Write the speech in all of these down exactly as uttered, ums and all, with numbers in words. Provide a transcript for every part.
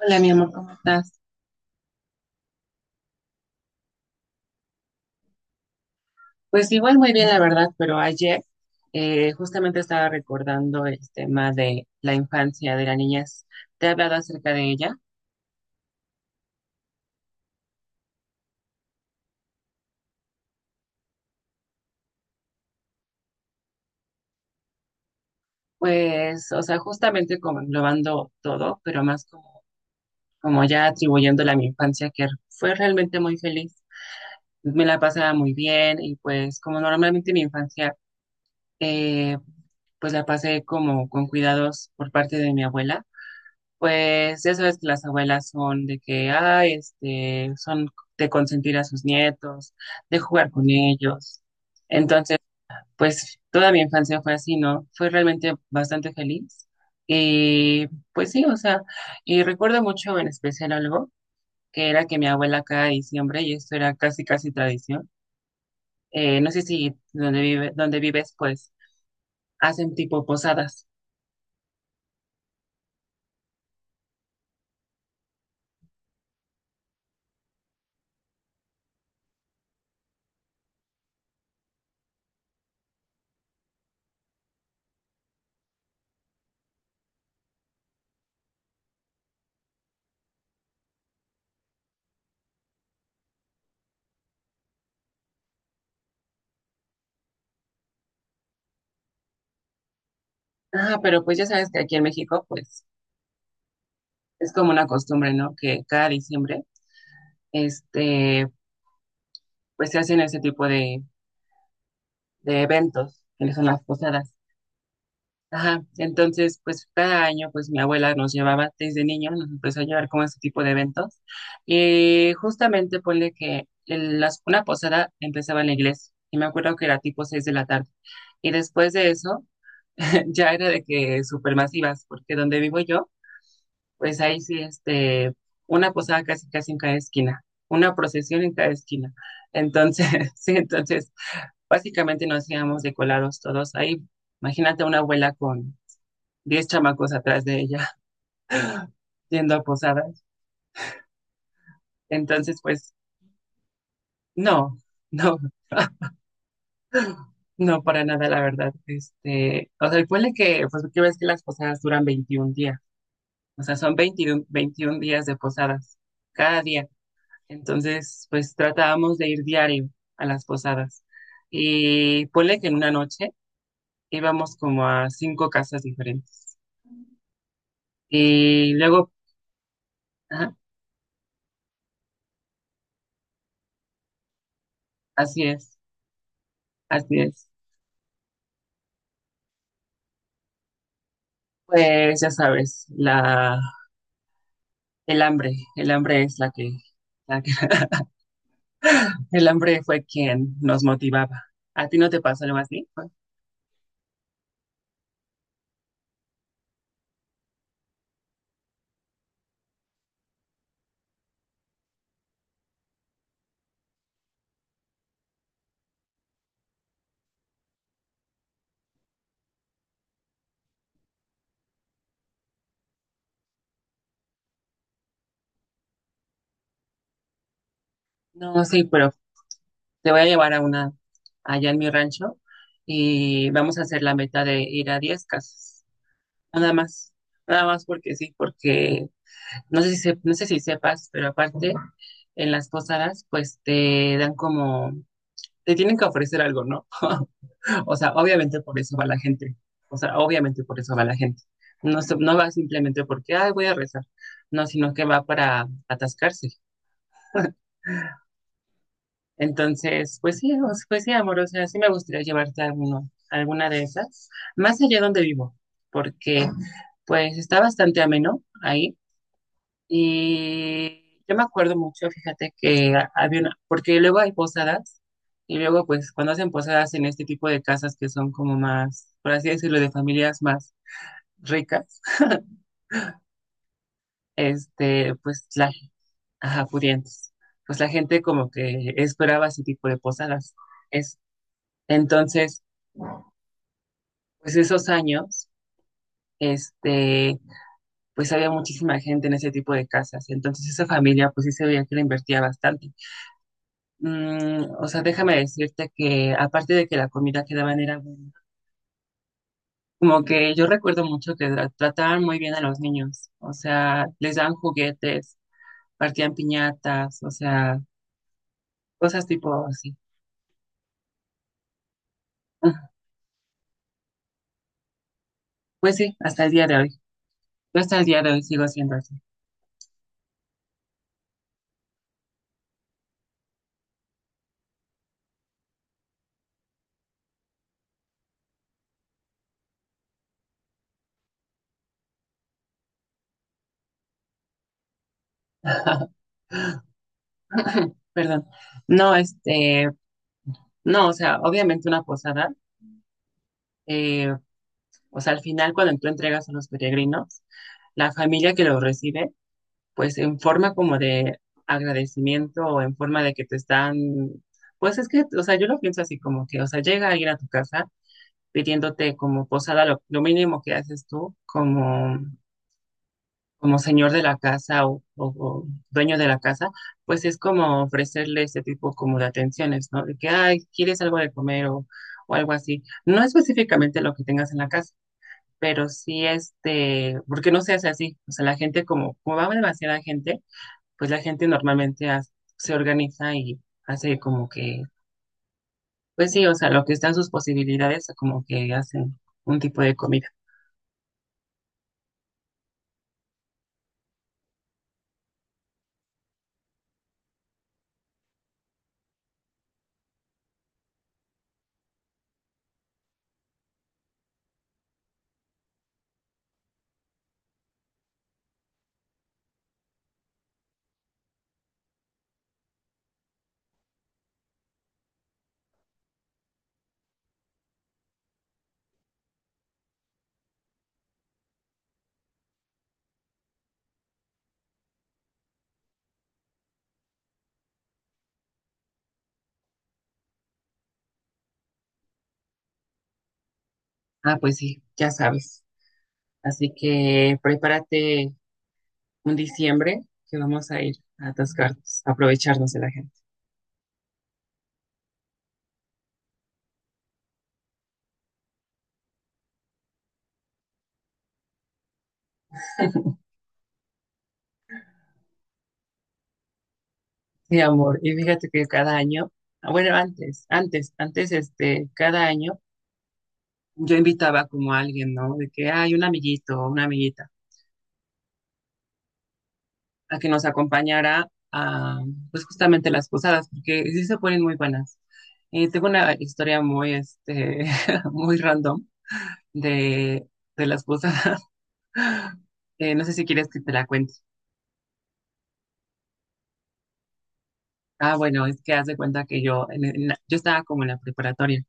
Hola, mi amor, ¿cómo estás? Pues igual muy bien, la verdad, pero ayer eh, justamente estaba recordando el tema de la infancia, de la niñez. Te he hablado acerca de ella. Pues, o sea, justamente como englobando todo, pero más como, como ya atribuyéndole a mi infancia, que fue realmente muy feliz. Me la pasaba muy bien, y pues como normalmente mi infancia, eh, pues la pasé como con cuidados por parte de mi abuela. Pues ya sabes que las abuelas son de que, ay, este, son de consentir a sus nietos, de jugar con ellos. Entonces, pues toda mi infancia fue así, ¿no? Fue realmente bastante feliz. Y pues sí, o sea, y recuerdo mucho en especial algo, que era que mi abuela cada diciembre, y esto era casi, casi tradición. eh, no sé si donde vive, donde vives, pues hacen tipo posadas. Ah, pero pues ya sabes que aquí en México, pues es como una costumbre, ¿no? Que cada diciembre este, pues se hacen ese tipo de, de eventos, que no son las posadas. Ajá, entonces, pues cada año, pues mi abuela nos llevaba desde niño, nos empezó a llevar como a ese tipo de eventos. Y justamente ponle que el- las, una posada empezaba en la iglesia, y me acuerdo que era tipo seis de la tarde. Y después de eso, ya era de que supermasivas, porque donde vivo yo, pues ahí sí, este, una posada casi, casi en cada esquina, una procesión en cada esquina. Entonces, sí, entonces básicamente nos íbamos de colados todos ahí. Imagínate una abuela con diez chamacos atrás de ella, yendo a posadas. Entonces, pues, no, no, no para nada, la verdad. Este, o sea, ponle que, pues, que ves que las posadas duran veintiún días. O sea, son veintiún, veintiún días de posadas cada día. Entonces, pues tratábamos de ir diario a las posadas. Y ponle que en una noche íbamos como a cinco casas diferentes. Y luego, ajá, así es. Así es. Pues ya sabes, la, el hambre, el hambre es la que, la que- el hambre fue quien nos motivaba. ¿A ti no te pasó algo así? No, sí, pero te voy a llevar a una allá en mi rancho, y vamos a hacer la meta de ir a diez casas. Nada más, nada más porque sí, porque no sé si se- no sé si sepas, pero aparte en las posadas pues te dan como te tienen que ofrecer algo, ¿no? O sea, obviamente por eso va la gente. O sea, obviamente por eso va la gente. No, se- no va simplemente porque, ay, voy a rezar. No, sino que va para atascarse. Entonces, pues sí, o sea, pues sí, amor. O sea, sí me gustaría llevarte a alguno, a alguna de esas, más allá donde vivo, porque pues está bastante ameno ahí. Y yo me acuerdo mucho, fíjate que ha- había una, porque luego hay posadas. Y luego, pues, cuando hacen posadas en este tipo de casas que son como más, por así decirlo, de familias más ricas, este, pues la, ajá, pudientes. Pues la gente como que esperaba ese tipo de posadas. Es, entonces, pues esos años, este, pues había muchísima gente en ese tipo de casas. Entonces esa familia, pues sí se veía que le invertía bastante. Mm, o sea, déjame decirte que aparte de que la comida que daban era buena, como que yo recuerdo mucho que tra- trataban muy bien a los niños. O sea, les daban juguetes, partían piñatas, o sea, cosas tipo así. Pues sí, hasta el día de hoy. Yo hasta el día de hoy sigo siendo así. Perdón. No, este, no, o sea, obviamente una posada, eh, o sea, al final cuando tú entregas a los peregrinos, la familia que los recibe, pues en forma como de agradecimiento o en forma de que te están, pues es que, o sea, yo lo pienso así como que, o sea, llega alguien a tu casa pidiéndote como posada, lo, lo mínimo que haces tú, como como señor de la casa o, o- o dueño de la casa, pues es como ofrecerle ese tipo como de atenciones, ¿no? De que, ay, ¿quieres algo de comer, o, o algo así? No específicamente lo que tengas en la casa, pero sí, este, porque no se hace así. O sea, la gente como, como va demasiada gente, pues la gente normalmente hace- se organiza y hace como que, pues sí, o sea, lo que están sus posibilidades, como que hacen un tipo de comida. Ah, pues sí, ya sabes. Así que prepárate un diciembre que vamos a ir a atascarnos, a aprovecharnos de la gente. Sí, amor, y fíjate que cada año, ah, bueno, antes, antes, antes, este, cada año yo invitaba como a alguien, ¿no? De que hay un amiguito o una amiguita a que nos acompañara a, pues justamente las posadas, porque sí se ponen muy buenas. Y tengo una historia muy, este, muy random de, de las posadas. Eh, no sé si quieres que te la cuente. Ah, bueno, es que haz de cuenta que yo, en- en la- yo estaba como en la preparatoria.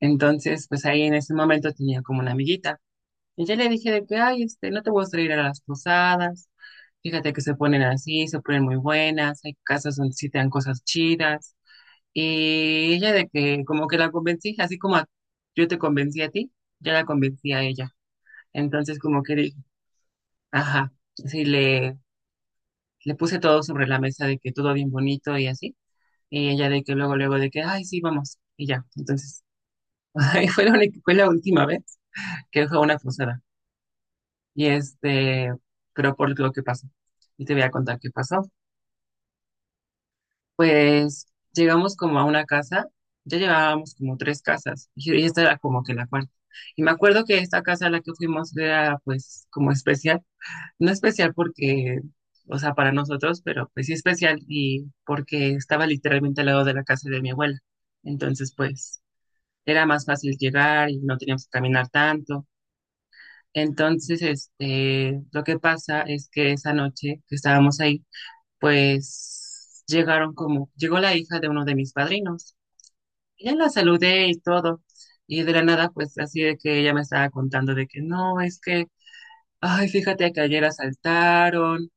Entonces, pues ahí en ese momento tenía como una amiguita. Y yo le dije de que, ay, este, no te voy a traer a las posadas. Fíjate que se ponen así, se ponen muy buenas. Hay casas donde sí te dan cosas chidas. Y ella de que como que la convencí, así como a- yo te convencí a ti, yo la convencí a ella. Entonces como que dije, ajá, sí, le, le puse todo sobre la mesa de que todo bien bonito y así. Y ella de que luego, luego de que, ay, sí, vamos. Y ya, entonces, ahí fue la única- fue la última vez que fue a una posada. Y este, pero por lo que pasó. Y te voy a contar qué pasó. Pues llegamos como a una casa, ya llevábamos como tres casas, y y esta era como que la cuarta. Y me acuerdo que esta casa a la que fuimos era pues como especial, no especial porque, o sea, para nosotros, pero pues sí especial, y porque estaba literalmente al lado de la casa de mi abuela. Entonces, pues era más fácil llegar y no teníamos que caminar tanto. Entonces, este, lo que pasa es que esa noche que estábamos ahí, pues llegaron como, llegó la hija de uno de mis padrinos. Y ya la saludé y todo. Y de la nada, pues así de que ella me estaba contando de que no, es que, ay, fíjate que ayer asaltaron,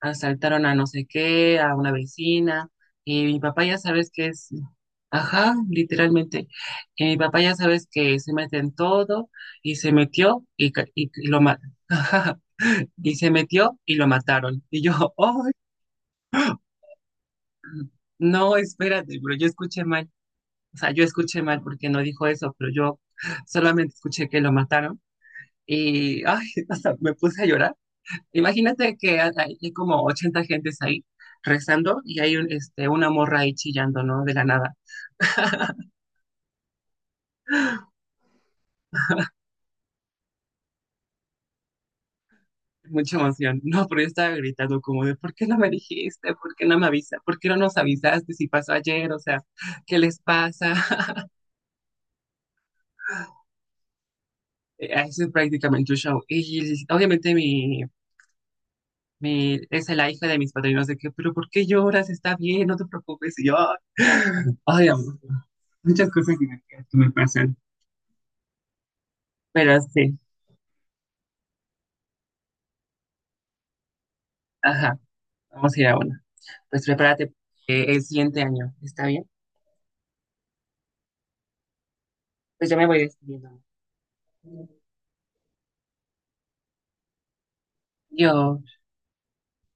asaltaron a no sé qué, a una vecina. Y mi papá ya sabes que es, ajá, literalmente. Y mi papá ya sabes que se mete en todo y se metió y, ca- y y lo mata. Y se metió y lo mataron. Y yo, oh, no, espérate, pero yo escuché mal. O sea, yo escuché mal porque no dijo eso, pero yo solamente escuché que lo mataron. Y, ay, o sea, me puse a llorar. Imagínate que hay hay como ochenta gentes ahí rezando, y hay un, este, una morra ahí chillando, ¿no? De la nada. Mucha emoción. No, pero yo estaba gritando como de, ¿por qué no me dijiste? ¿Por qué no me avisas? ¿Por qué no nos avisaste si pasó ayer? O sea, ¿qué les pasa? Eh, eso es prácticamente un show. Y obviamente mi, me, es la hija de mis padrinos, de que, pero ¿por qué lloras? Está bien, no te preocupes. Y yo, ay, amor, muchas cosas que me, que me pasan. Pero sí, ajá, vamos a ir a una. Pues prepárate eh, el siguiente año, ¿está bien? Pues ya me voy despidiendo. Yo